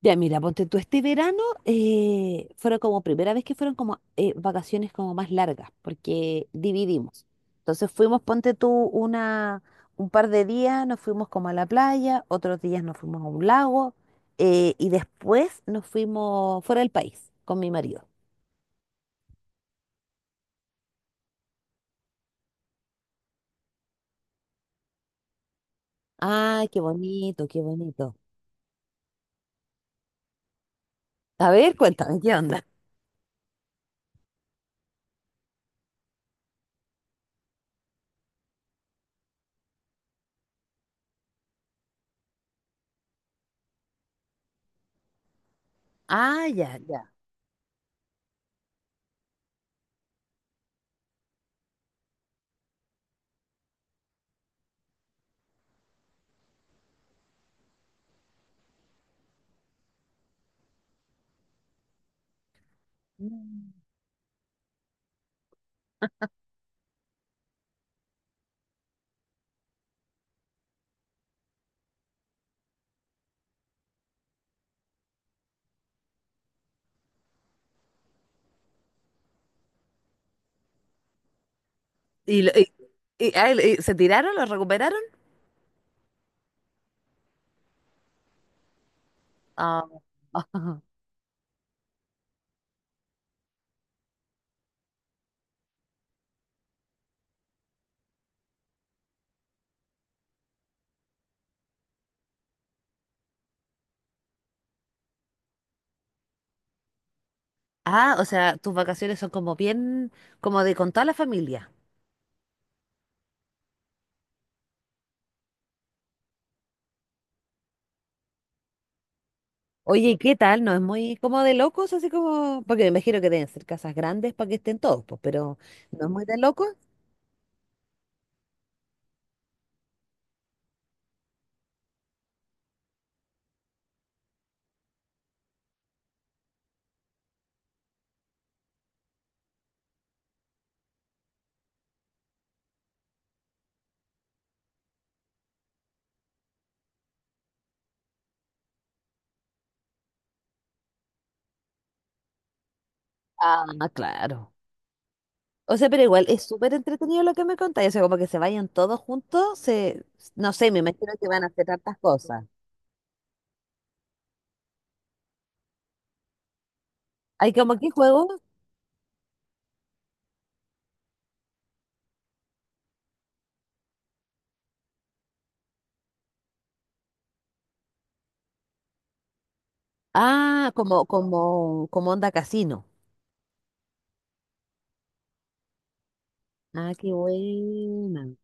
Ya, mira, ponte tú, este verano fueron como primera vez que fueron como vacaciones como más largas, porque dividimos. Entonces fuimos, ponte tú, una, un par de días, nos fuimos como a la playa, otros días nos fuimos a un lago, y después nos fuimos fuera del país con mi marido. Ay, qué bonito, qué bonito. A ver, cuéntame, ¿qué onda? Ah, ya, ya. Mm. ¿Y, y se tiraron? ¿Lo recuperaron? Ah. Ah, o sea, tus vacaciones son como bien, como de con toda la familia. Oye, ¿qué tal? ¿No es muy como de locos? Así como, porque me imagino que deben ser casas grandes para que estén todos, pues, pero ¿no es muy de locos? Ah, claro. O sea, pero igual es súper entretenido lo que me contáis. O sea, como que se vayan todos juntos, se, no sé, me imagino que van a hacer tantas cosas. ¿Hay como qué juego? Ah, como, como, como onda casino. Ah, qué buena.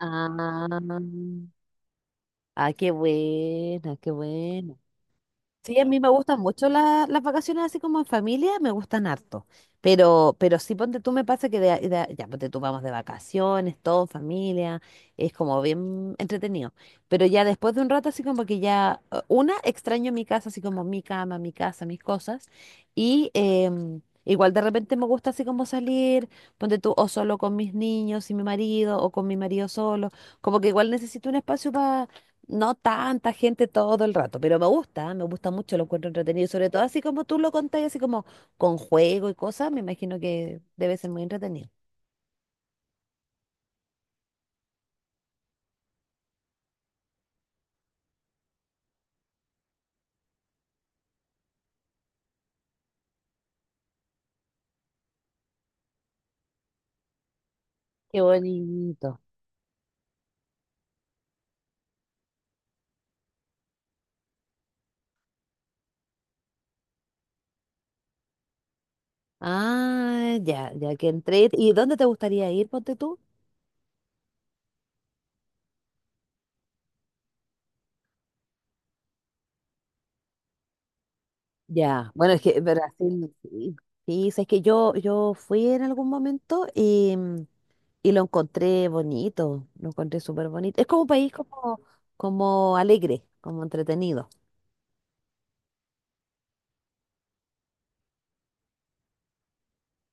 Ah, ah, qué buena, qué buena. Sí, a mí me gustan mucho las vacaciones así como en familia, me gustan harto. Pero sí, ponte tú, me pasa que ya, ponte tú, vamos de vacaciones, todo en familia, es como bien entretenido. Pero ya después de un rato, así como que ya, una, extraño mi casa, así como mi cama, mi casa, mis cosas. Y igual de repente me gusta así como salir, ponte tú, o solo con mis niños y mi marido, o con mi marido solo. Como que igual necesito un espacio no tanta gente todo el rato, pero me gusta mucho, lo encuentro entretenido, sobre todo así como tú lo contás, así como con juego y cosas, me imagino que debe ser muy entretenido. Qué bonito. Ah, ya, ya que entré. ¿Y dónde te gustaría ir, ponte tú? Ya, bueno, es que Brasil, sí. Sí, es que yo fui en algún momento y, y lo encontré bonito, lo encontré súper bonito. Es como un país como, como alegre, como entretenido.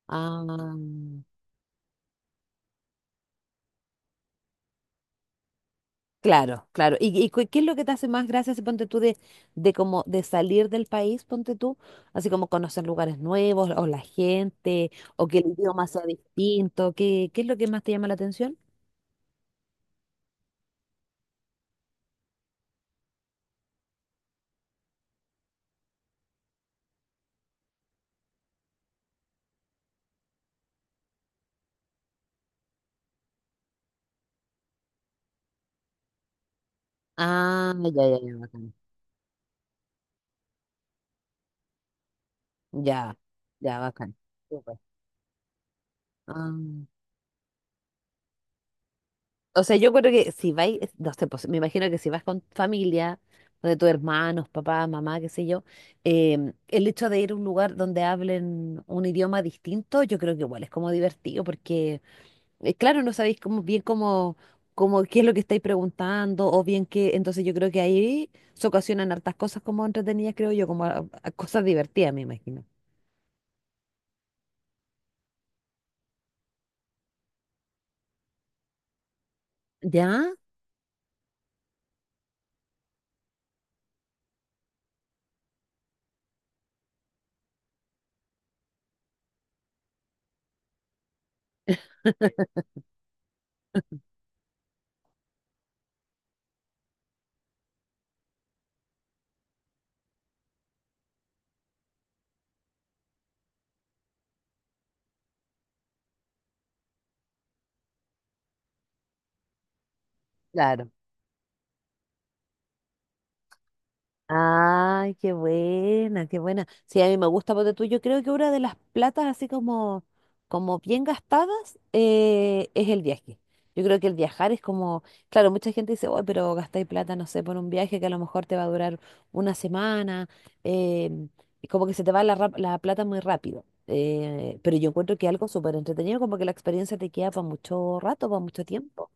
Ah, claro, claro. ¿Y, qué es lo que te hace más gracia, si ponte tú, de como de salir del país, ponte tú, así como conocer lugares nuevos, o la gente, o que el idioma sea distinto? ¿Qué, qué es lo que más te llama la atención? Ah, ya, ya, ya, bacán. Ya, ya, bacán. Súper. Ah, o sea, yo creo que si vais, no sé, pues me imagino que si vas con familia, de tus hermanos, papá, mamá, qué sé yo, el hecho de ir a un lugar donde hablen un idioma distinto, yo creo que igual es como divertido porque claro, no sabéis cómo, bien cómo, cómo, qué es lo que estáis preguntando, o bien qué, entonces yo creo que ahí se ocasionan hartas cosas como entretenidas, creo yo, como a cosas divertidas, me imagino. ¿Ya? Claro. Ay, qué buena, qué buena. Sí, a mí me gusta, porque tú, yo creo que una de las platas así como, como bien gastadas es el viaje. Yo creo que el viajar es como, claro, mucha gente dice, oh, pero gastáis plata, no sé, por un viaje que a lo mejor te va a durar una semana, em, y como que se te va la, la plata muy rápido. Pero yo encuentro que algo súper entretenido, como que la experiencia te queda para mucho rato, para mucho tiempo.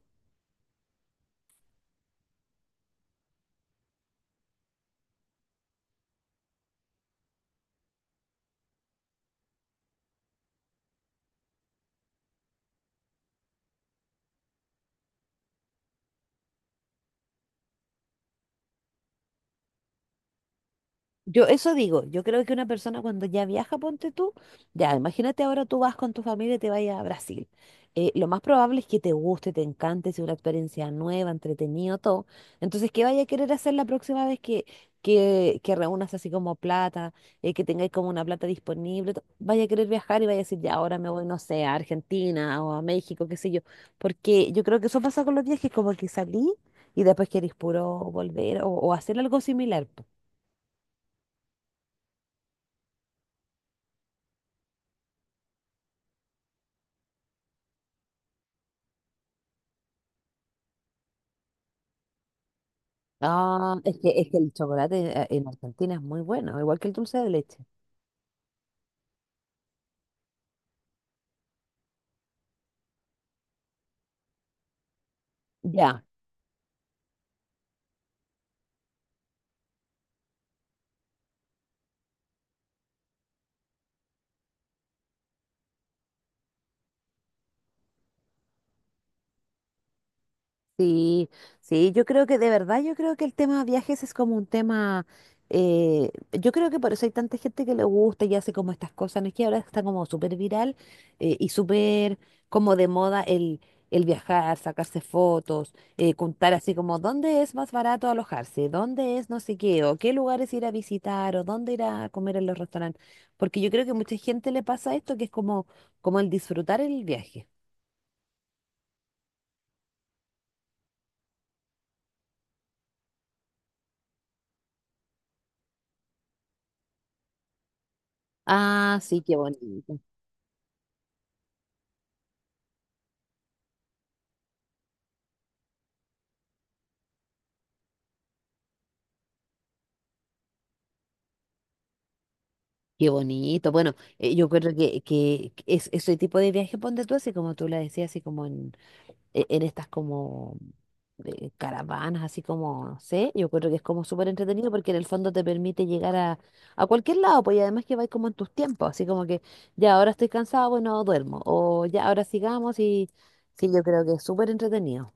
Yo eso digo, yo creo que una persona cuando ya viaja, ponte tú, ya, imagínate ahora tú vas con tu familia y te vayas a Brasil. Lo más probable es que te guste, te encante, sea una experiencia nueva, entretenido, todo. Entonces, ¿qué vaya a querer hacer la próxima vez que reúnas así como plata, que tengáis como una plata disponible? Vaya a querer viajar y vaya a decir, ya, ahora me voy, no sé, a Argentina o a México, qué sé yo. Porque yo creo que eso pasa con los viajes, como que salí y después queréis puro volver o hacer algo similar. Ah, es que el chocolate en Argentina es muy bueno, igual que el dulce de leche. Ya, sí, sí, yo creo que de verdad, yo creo que el tema viajes es como un tema, yo creo que por eso hay tanta gente que le gusta y hace como estas cosas, no es que ahora está como súper viral y súper como de moda el viajar, sacarse fotos, contar así como dónde es más barato alojarse, dónde es no sé qué, o qué lugares ir a visitar, o dónde ir a comer en los restaurantes, porque yo creo que mucha gente le pasa esto que es como, como el disfrutar el viaje. Ah, sí, qué bonito. Qué bonito. Bueno, yo creo que es, ese tipo de viaje, ponte tú así como tú la decías, así como en, en estas como caravanas, así como, no sé, yo creo que es como súper entretenido porque en el fondo te permite llegar a cualquier lado, pues y además que vais como en tus tiempos, así como que ya ahora estoy cansado, bueno, duermo, o ya ahora sigamos y sí, yo creo que es súper entretenido.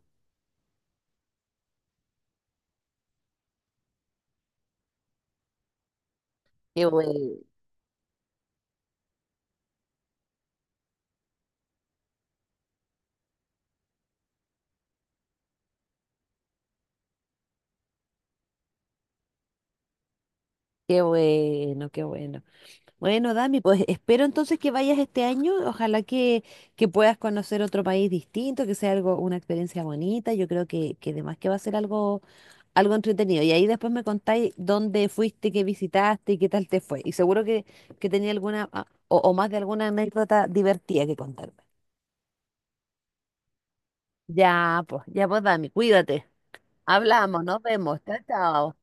Qué bueno, qué bueno, qué bueno. Bueno, Dami, pues espero entonces que vayas este año. Ojalá que puedas conocer otro país distinto, que sea algo, una experiencia bonita. Yo creo que además que va a ser algo, algo entretenido. Y ahí después me contáis dónde fuiste, qué visitaste y qué tal te fue. Y seguro que tenía alguna ah, o más de alguna anécdota divertida que contarme. Ya pues, Dami, cuídate. Hablamos, nos vemos. Chao, chao.